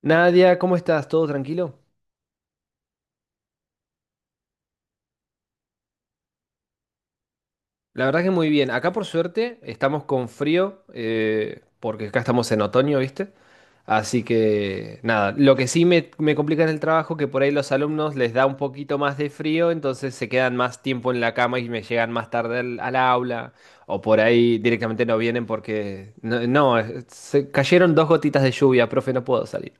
Nadia, ¿cómo estás? ¿Todo tranquilo? La verdad que muy bien. Acá por suerte estamos con frío, porque acá estamos en otoño, ¿viste? Así que nada, lo que sí me complica en el trabajo, que por ahí los alumnos les da un poquito más de frío, entonces se quedan más tiempo en la cama y me llegan más tarde al aula, o por ahí directamente no vienen porque... No, no, se cayeron dos gotitas de lluvia, profe, no puedo salir.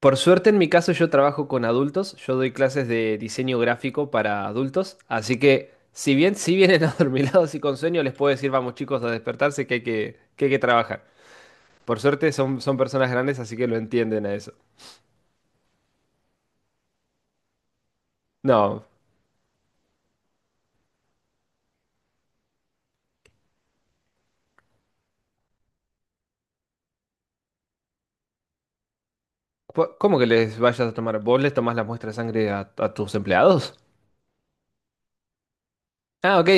Por suerte, en mi caso, yo trabajo con adultos, yo doy clases de diseño gráfico para adultos, así que si bien si vienen adormilados y con sueño, les puedo decir, vamos chicos a despertarse que hay que trabajar. Por suerte son personas grandes, así que lo entienden a eso. No, ¿cómo que les vayas a tomar? ¿Vos les tomás la muestra de sangre a tus empleados? Ah, ok,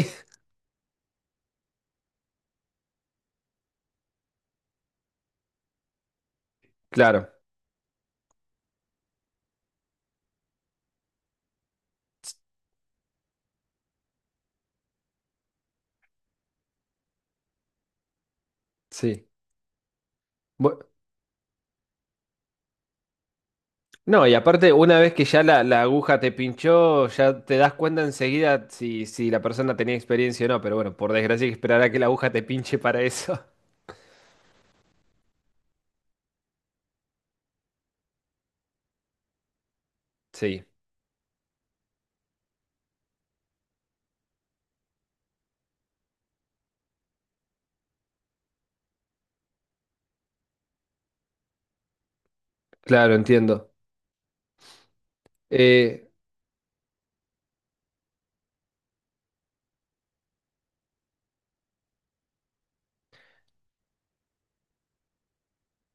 claro, sí. Bu- No, y aparte, una vez que ya la aguja te pinchó, ya te das cuenta enseguida si la persona tenía experiencia o no, pero bueno, por desgracia hay que esperar a que la aguja te pinche para eso. Sí, claro, entiendo. Eh,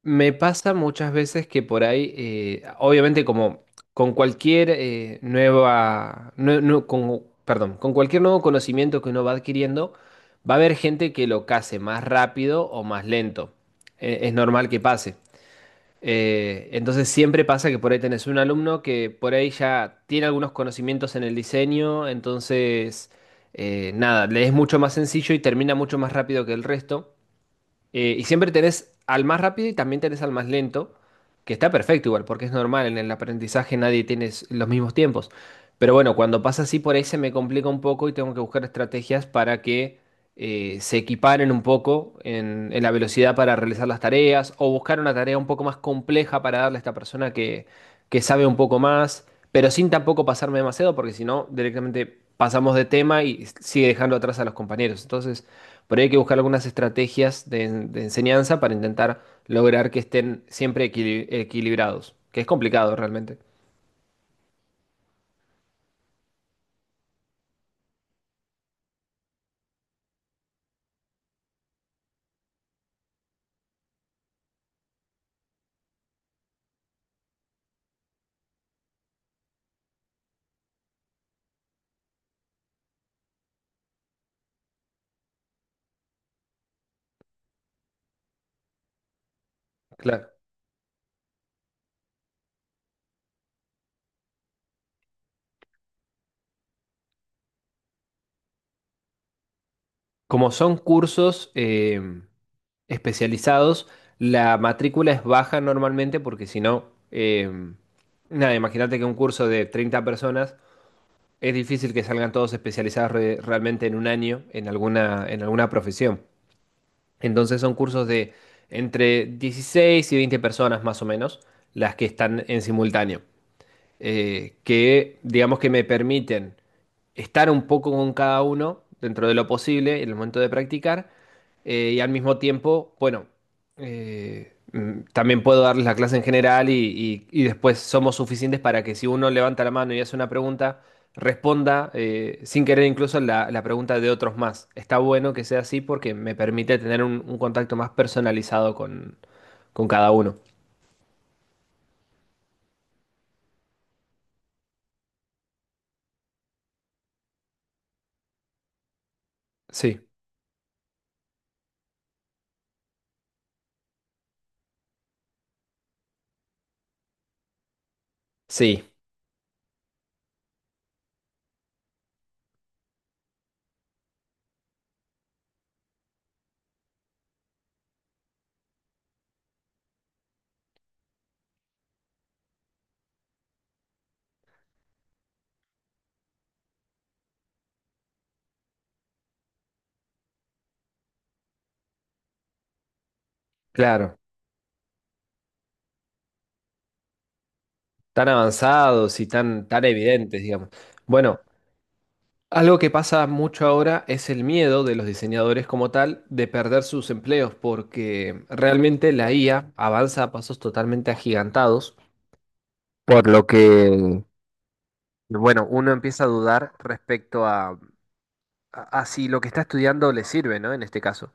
me pasa muchas veces que por ahí, obviamente como con cualquier nueva, nue- nu- con, perdón, con cualquier nuevo conocimiento que uno va adquiriendo, va a haber gente que lo case más rápido o más lento. Es normal que pase. Entonces siempre pasa que por ahí tenés un alumno que por ahí ya tiene algunos conocimientos en el diseño, entonces nada, le es mucho más sencillo y termina mucho más rápido que el resto. Y siempre tenés al más rápido y también tenés al más lento, que está perfecto igual, porque es normal, en el aprendizaje nadie tiene los mismos tiempos. Pero bueno, cuando pasa así por ahí se me complica un poco y tengo que buscar estrategias para que se equiparen un poco en la velocidad para realizar las tareas o buscar una tarea un poco más compleja para darle a esta persona que sabe un poco más, pero sin tampoco pasarme demasiado, porque si no, directamente pasamos de tema y sigue dejando atrás a los compañeros. Entonces, por ahí hay que buscar algunas estrategias de enseñanza para intentar lograr que estén siempre equilibrados, que es complicado realmente. Claro. Como son cursos especializados, la matrícula es baja normalmente porque si no, eh, nada, imagínate que un curso de 30 personas. Es difícil que salgan todos especializados realmente en un año en en alguna profesión. Entonces son cursos de entre 16 y 20 personas más o menos las que están en simultáneo, que digamos que me permiten estar un poco con cada uno dentro de lo posible en el momento de practicar, y al mismo tiempo, bueno, también puedo darles la clase en general y, y después somos suficientes para que si uno levanta la mano y hace una pregunta, responda sin querer incluso la pregunta de otros más. Está bueno que sea así porque me permite tener un contacto más personalizado con cada uno. Sí, sí, claro. Tan avanzados y tan evidentes, digamos. Bueno, algo que pasa mucho ahora es el miedo de los diseñadores como tal de perder sus empleos, porque realmente la IA avanza a pasos totalmente agigantados, por lo que, bueno, uno empieza a dudar respecto a, a si lo que está estudiando le sirve, ¿no? En este caso.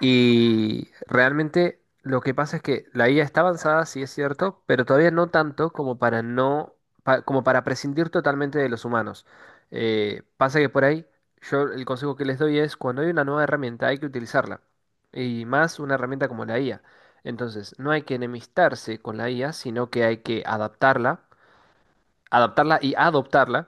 Y realmente lo que pasa es que la IA está avanzada, sí es cierto, pero todavía no tanto como para no, como para prescindir totalmente de los humanos. Pasa que por ahí, yo el consejo que les doy es cuando hay una nueva herramienta hay que utilizarla. Y más una herramienta como la IA. Entonces, no hay que enemistarse con la IA, sino que hay que adaptarla y adoptarla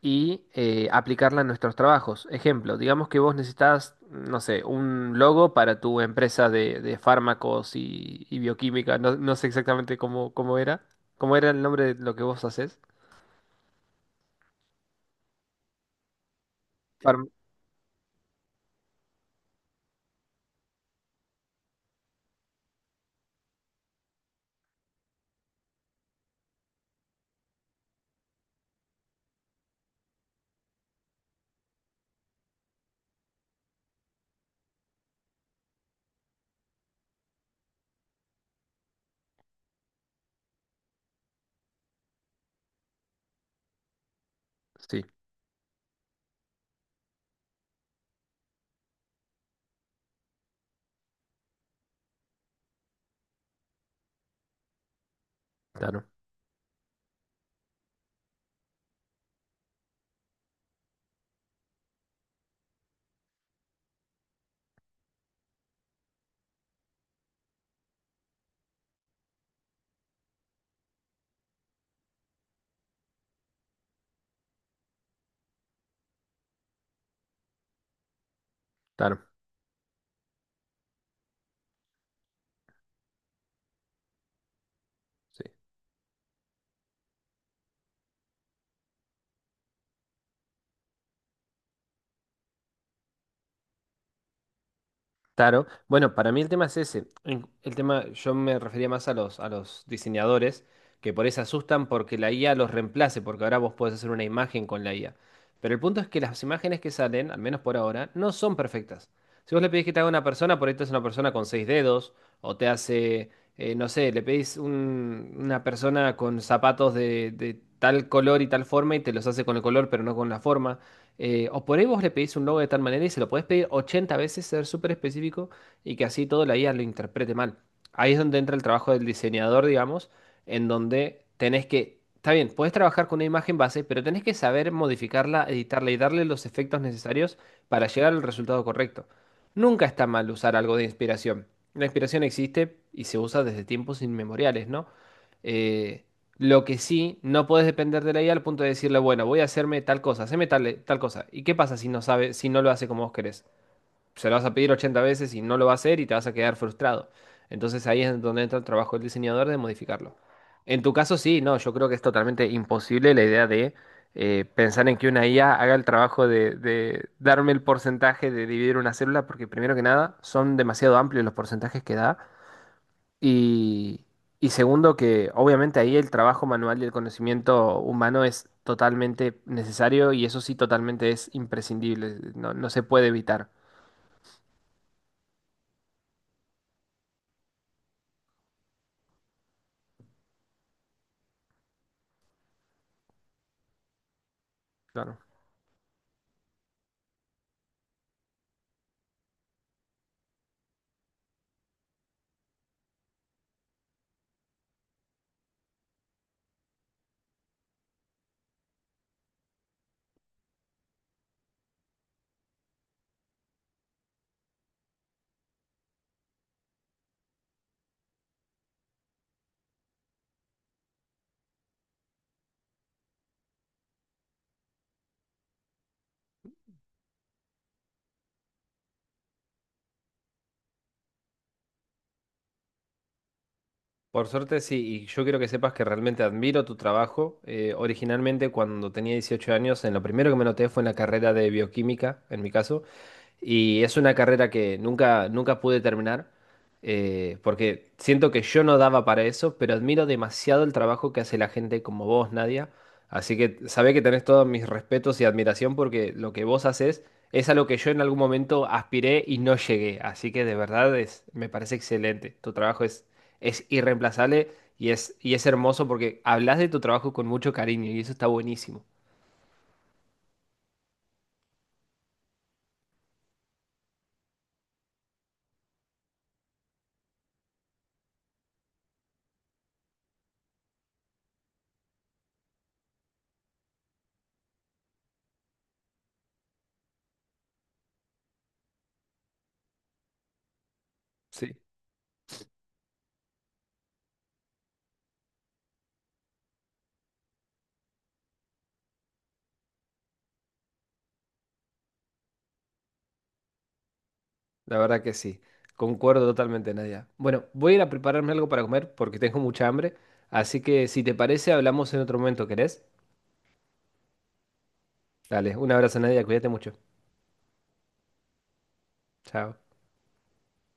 y aplicarla en nuestros trabajos. Ejemplo, digamos que vos necesitas, no sé, un logo para tu empresa de fármacos y bioquímica. No, no sé exactamente cómo, cómo era. ¿Cómo era el nombre de lo que vos haces? Farm- Sí, claro, claro, sí. Claro. Bueno, para mí el tema es ese. El tema, yo me refería más a los diseñadores que por eso se asustan porque la IA los reemplace, porque ahora vos podés hacer una imagen con la IA. Pero el punto es que las imágenes que salen, al menos por ahora, no son perfectas. Si vos le pedís que te haga una persona, por ahí te hace una persona con seis dedos, o te hace, no sé, le pedís una persona con zapatos de tal color y tal forma y te los hace con el color, pero no con la forma. O por ahí vos le pedís un logo de tal manera y se lo podés pedir 80 veces, ser súper específico y que así todo la IA lo interprete mal. Ahí es donde entra el trabajo del diseñador, digamos, en donde tenés que, está bien, podés trabajar con una imagen base, pero tenés que saber modificarla, editarla y darle los efectos necesarios para llegar al resultado correcto. Nunca está mal usar algo de inspiración. La inspiración existe y se usa desde tiempos inmemoriales, ¿no? Eh, lo que sí, no puedes depender de la IA al punto de decirle, bueno, voy a hacerme tal cosa, haceme tal cosa. ¿Y qué pasa si no sabe, si no lo hace como vos querés? Se lo vas a pedir 80 veces y no lo va a hacer y te vas a quedar frustrado. Entonces ahí es donde entra el trabajo del diseñador de modificarlo. En tu caso, sí, no, yo creo que es totalmente imposible la idea de pensar en que una IA haga el trabajo de darme el porcentaje de dividir una célula, porque primero que nada, son demasiado amplios los porcentajes que da y, y segundo, que obviamente ahí el trabajo manual y el conocimiento humano es totalmente necesario y eso sí totalmente es imprescindible, no, no se puede evitar. Claro. Por suerte sí, y yo quiero que sepas que realmente admiro tu trabajo. Originalmente cuando tenía 18 años, en lo primero que me noté fue en la carrera de bioquímica, en mi caso. Y es una carrera que nunca pude terminar, porque siento que yo no daba para eso, pero admiro demasiado el trabajo que hace la gente como vos, Nadia. Así que sabé que tenés todos mis respetos y admiración porque lo que vos haces es a lo que yo en algún momento aspiré y no llegué. Así que de verdad es, me parece excelente. Tu trabajo es irreemplazable y es hermoso porque hablas de tu trabajo con mucho cariño y eso está buenísimo. Sí. La verdad que sí, concuerdo totalmente, Nadia. Bueno, voy a ir a prepararme algo para comer porque tengo mucha hambre, así que si te parece, hablamos en otro momento, ¿querés? Dale, un abrazo, Nadia, cuídate mucho. Chao.